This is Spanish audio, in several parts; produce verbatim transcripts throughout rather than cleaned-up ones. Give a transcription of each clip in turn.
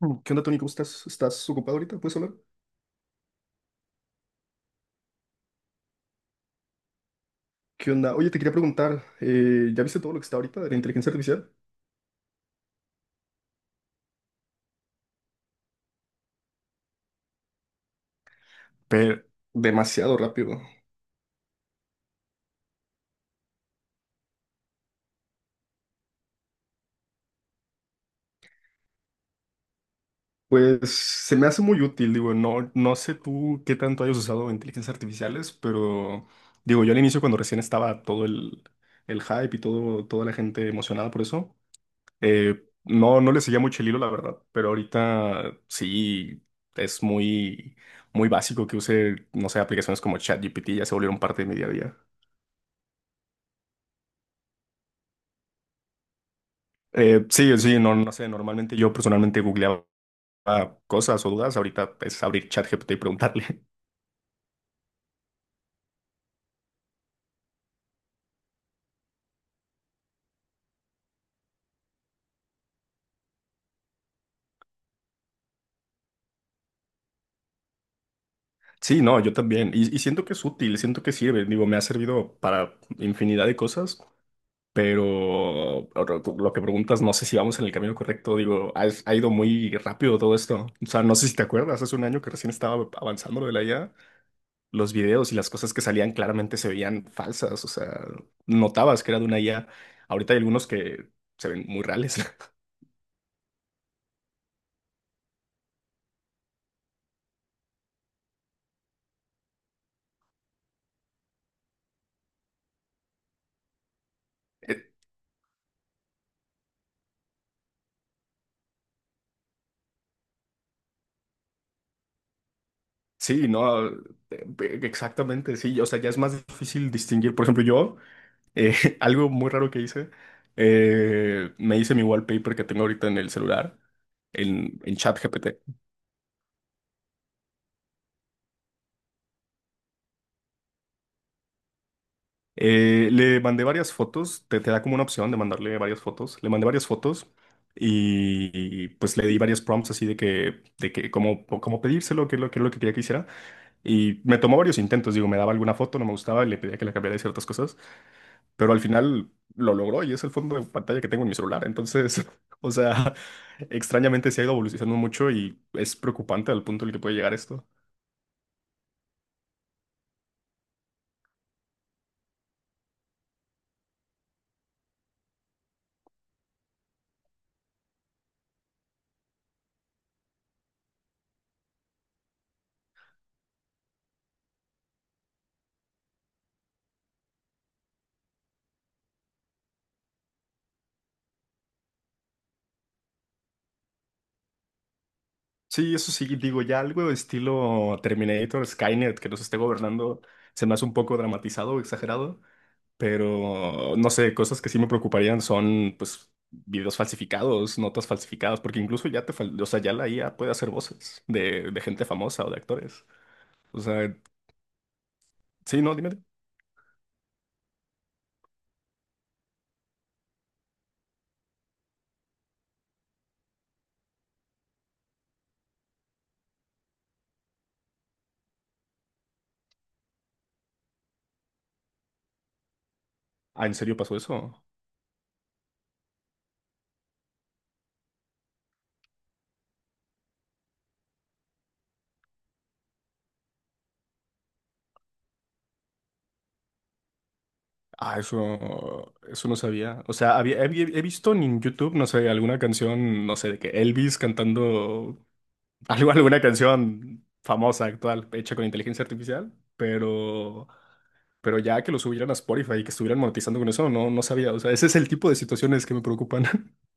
Mm. ¿Qué onda, Tony? ¿Cómo estás? ¿Estás ocupado ahorita? ¿Puedes hablar? ¿Qué onda? Oye, te quería preguntar, eh, ¿ya viste todo lo que está ahorita de la inteligencia artificial? Pero demasiado rápido. Pues se me hace muy útil, digo, no, no sé tú qué tanto hayas usado inteligencias artificiales, pero digo, yo al inicio cuando recién estaba todo el, el hype y todo, toda la gente emocionada por eso, eh, no, no le seguía mucho el hilo, la verdad, pero ahorita sí es muy, muy básico que use, no sé, aplicaciones como ChatGPT, ya se volvieron parte de mi día a día. Eh, sí, sí, no, no sé, normalmente yo personalmente googleaba cosas o dudas, ahorita es abrir ChatGPT y preguntarle. Sí, no, yo también, y, y siento que es útil, siento que sirve, digo, me ha servido para infinidad de cosas, pero ahora tú- lo que preguntas, no sé si vamos en el camino correcto, digo, ha, ha ido muy rápido todo esto, o sea, no sé si te acuerdas, hace un año que recién estaba avanzando lo de la I A, los videos y las cosas que salían claramente se veían falsas, o sea, notabas que era de una I A, ahorita hay algunos que se ven muy reales. Sí, no, eh, exactamente, sí, o sea, ya es más difícil distinguir. Por ejemplo, yo, eh, algo muy raro que hice, eh, me hice mi wallpaper que tengo ahorita en el celular, en, en ChatGPT. Eh, le mandé varias fotos, te, te da como una opción de mandarle varias fotos. Le mandé varias fotos y, pues le di varios prompts así de que, de que, como, como pedírselo, que es lo, que es lo que quería que hiciera. Y me tomó varios intentos, digo, me daba alguna foto, no me gustaba y le pedía que la cambiara de ciertas cosas. Pero al final lo logró y es el fondo de pantalla que tengo en mi celular. Entonces, o sea, extrañamente se ha ido evolucionando mucho y es preocupante al punto en el que puede llegar esto. Sí, eso sí, digo, ya algo de estilo Terminator, Skynet, que nos esté gobernando, se me hace un poco dramatizado o exagerado, pero no sé, cosas que sí me preocuparían son, pues, videos falsificados, notas falsificadas, porque incluso ya te, fal- o sea, ya la I A puede hacer voces de, de gente famosa o de actores. O sea, sí, no, dime. Ah, ¿en serio pasó eso? Ah, eso, eso no sabía. O sea, había, he, he visto en YouTube, no sé, alguna canción, no sé, de que Elvis cantando algo, alguna canción famosa, actual, hecha con inteligencia artificial, pero, pero ya que lo subieran a Spotify y que estuvieran monetizando con eso, no, no sabía. O sea, ese es el tipo de situaciones que me preocupan.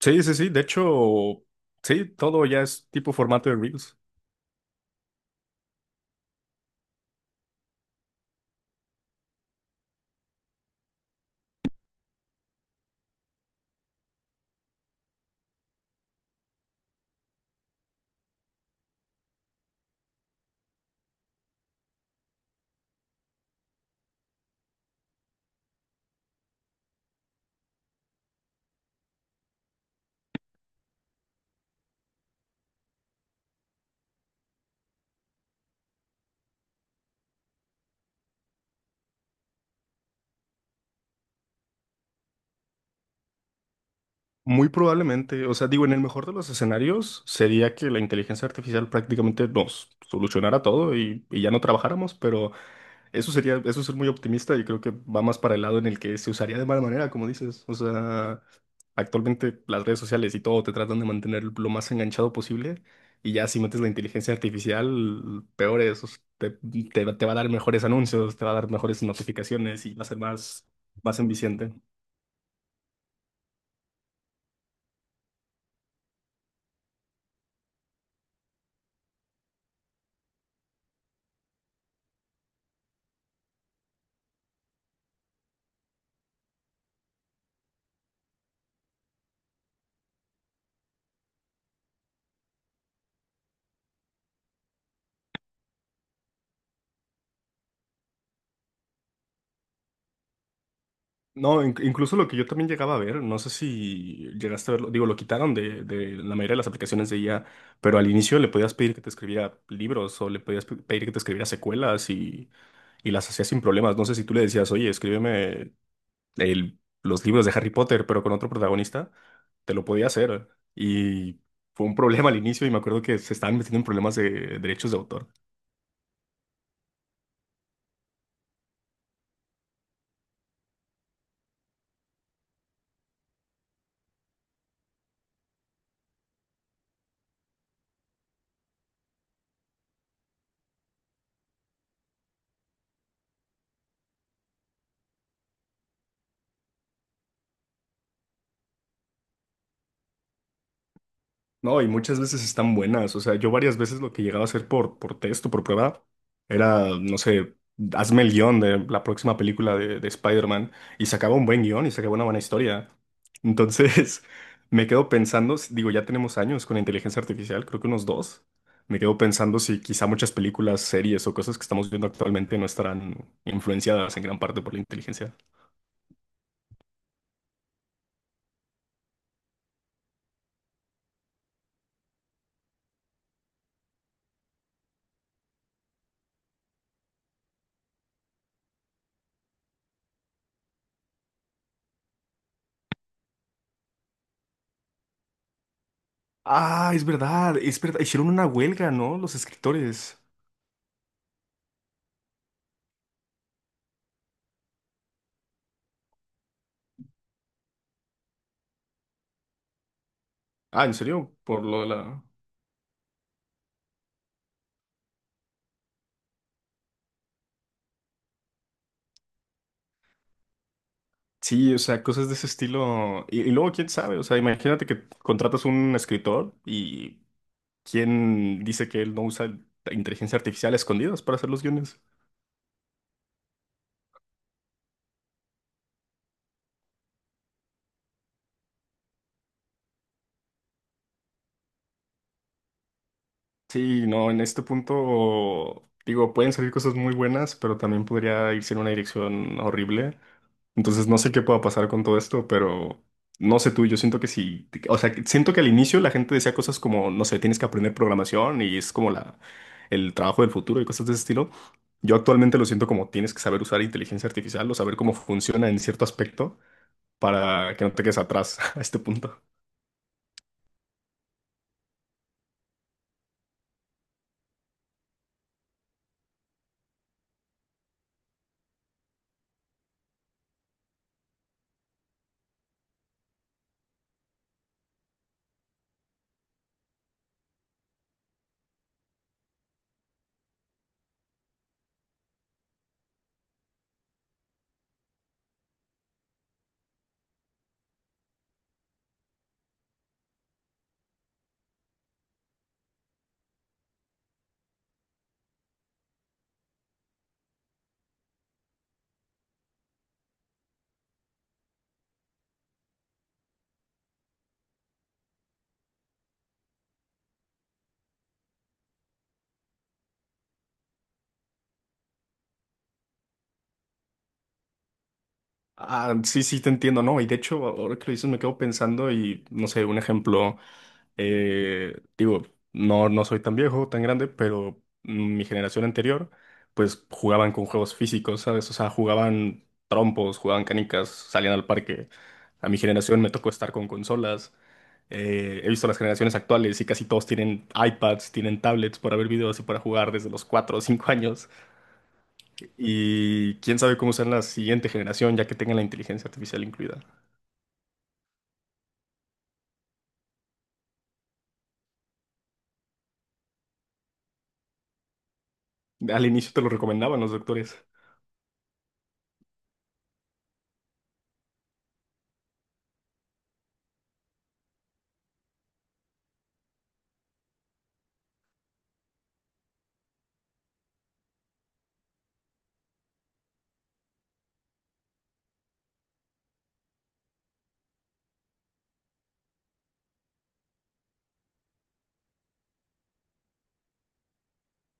Sí, sí, sí. De hecho, sí, todo ya es tipo formato de Reels. Muy probablemente, o sea, digo, en el mejor de los escenarios sería que la inteligencia artificial prácticamente nos solucionara todo y, y ya no trabajáramos, pero eso sería, eso es ser muy optimista y creo que va más para el lado en el que se usaría de mala manera, como dices. O sea, actualmente las redes sociales y todo te tratan de mantener lo más enganchado posible y ya si metes la inteligencia artificial, peor es, o sea, te, te, te va a dar mejores anuncios, te va a dar mejores notificaciones y va a ser más, más enviciante. No, inc- incluso lo que yo también llegaba a ver, no sé si llegaste a verlo, digo, lo quitaron de, de la mayoría de las aplicaciones de I A, pero al inicio le podías pedir que te escribiera libros o le podías pe- pedir que te escribiera secuelas y, y las hacías sin problemas. No sé si tú le decías, oye, escríbeme el- los libros de Harry Potter, pero con otro protagonista, te lo podía hacer. Y fue un problema al inicio y me acuerdo que se estaban metiendo en problemas de derechos de autor. No, y muchas veces están buenas. O sea, yo varias veces lo que llegaba a hacer por, por texto por prueba era, no sé, hazme el guión de la próxima película de, de Spider-Man. Y sacaba un buen guión y sacaba una buena historia. Entonces, me quedo pensando, s- digo, ya tenemos años con inteligencia artificial, creo que unos dos. Me quedo pensando si quizá muchas películas, series o cosas que estamos viendo actualmente no estarán influenciadas en gran parte por la inteligencia. Ah, es verdad, es verdad. Hicieron una huelga, ¿no? Los escritores. Ah, ¿en serio? Por lo de la... Sí, o sea, cosas de ese estilo. Y, y luego, quién sabe, o sea, imagínate que contratas un escritor y quién dice que él no usa inteligencia artificial a escondidas para hacer los guiones. Sí, no, en este punto, digo, pueden salir cosas muy buenas, pero también podría irse en una dirección horrible. Entonces no sé qué pueda pasar con todo esto, pero no sé tú, yo siento que sí, o sea, que siento que al inicio la gente decía cosas como, no sé, tienes que aprender programación y es como la, el trabajo del futuro y cosas de ese estilo. Yo actualmente lo siento como tienes que saber usar inteligencia artificial o saber cómo funciona en cierto aspecto para que no te quedes atrás a este punto. Ah, sí, sí, te entiendo, ¿no? Y de hecho, ahora que lo dices, me quedo pensando y, no sé, un ejemplo, eh, digo, no, no soy tan viejo, tan grande, pero mm, mi generación anterior, pues jugaban con juegos físicos, ¿sabes? O sea, jugaban trompos, jugaban canicas, salían al parque. A mi generación me tocó estar con consolas. Eh, he visto las generaciones actuales y casi todos tienen iPads, tienen tablets para ver videos y para jugar desde los cuatro o cinco años. Y quién sabe cómo será la siguiente generación, ya que tengan la inteligencia artificial incluida. Al inicio te lo recomendaban los doctores.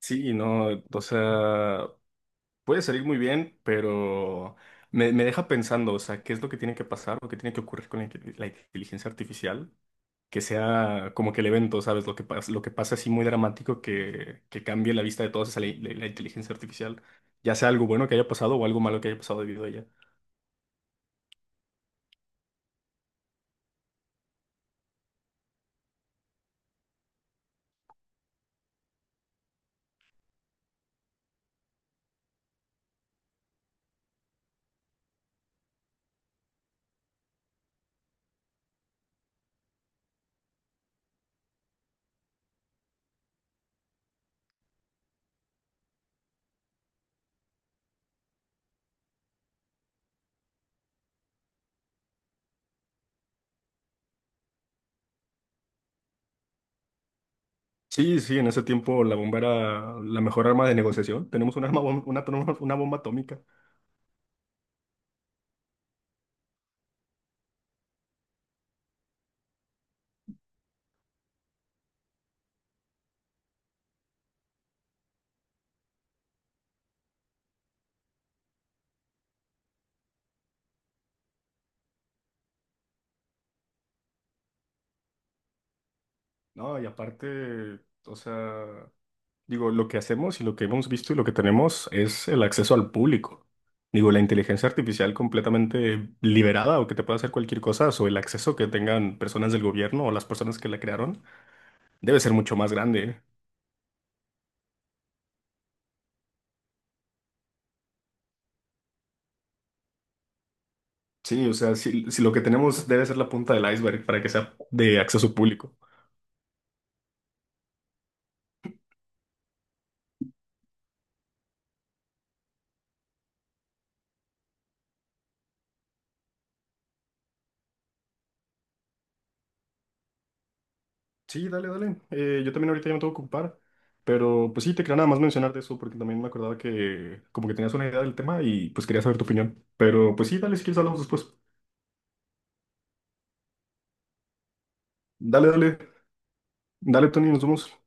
Sí, no, o sea, puede salir muy bien, pero me, me deja pensando, o sea, qué es lo que tiene que pasar, lo que tiene que ocurrir con la, inte- la inteligencia artificial, que sea como que el evento, ¿sabes? Lo que pasa, lo que pasa así muy dramático que, que cambie la vista de todos es la, la- la inteligencia artificial, ya sea algo bueno que haya pasado o algo malo que haya pasado debido a ella. Sí, sí, en ese tiempo la bomba era la mejor arma de negociación. Tenemos un arma, bom- una, tro- una bomba atómica. No, y aparte, o sea, digo, lo que hacemos y lo que hemos visto y lo que tenemos es el acceso al público. Digo, la inteligencia artificial completamente liberada o que te pueda hacer cualquier cosa, o el acceso que tengan personas del gobierno o las personas que la crearon, debe ser mucho más grande. Sí, o sea, si, si lo que tenemos debe ser la punta del iceberg para que sea de acceso público. Sí, dale, dale. Eh, yo también ahorita ya me tengo que ocupar, pero pues sí, te quería nada más mencionar de eso porque también me acordaba que como que tenías una idea del tema y pues quería saber tu opinión. Pero pues sí, dale, si quieres hablamos después. Dale, dale, dale, Tony, nos vemos.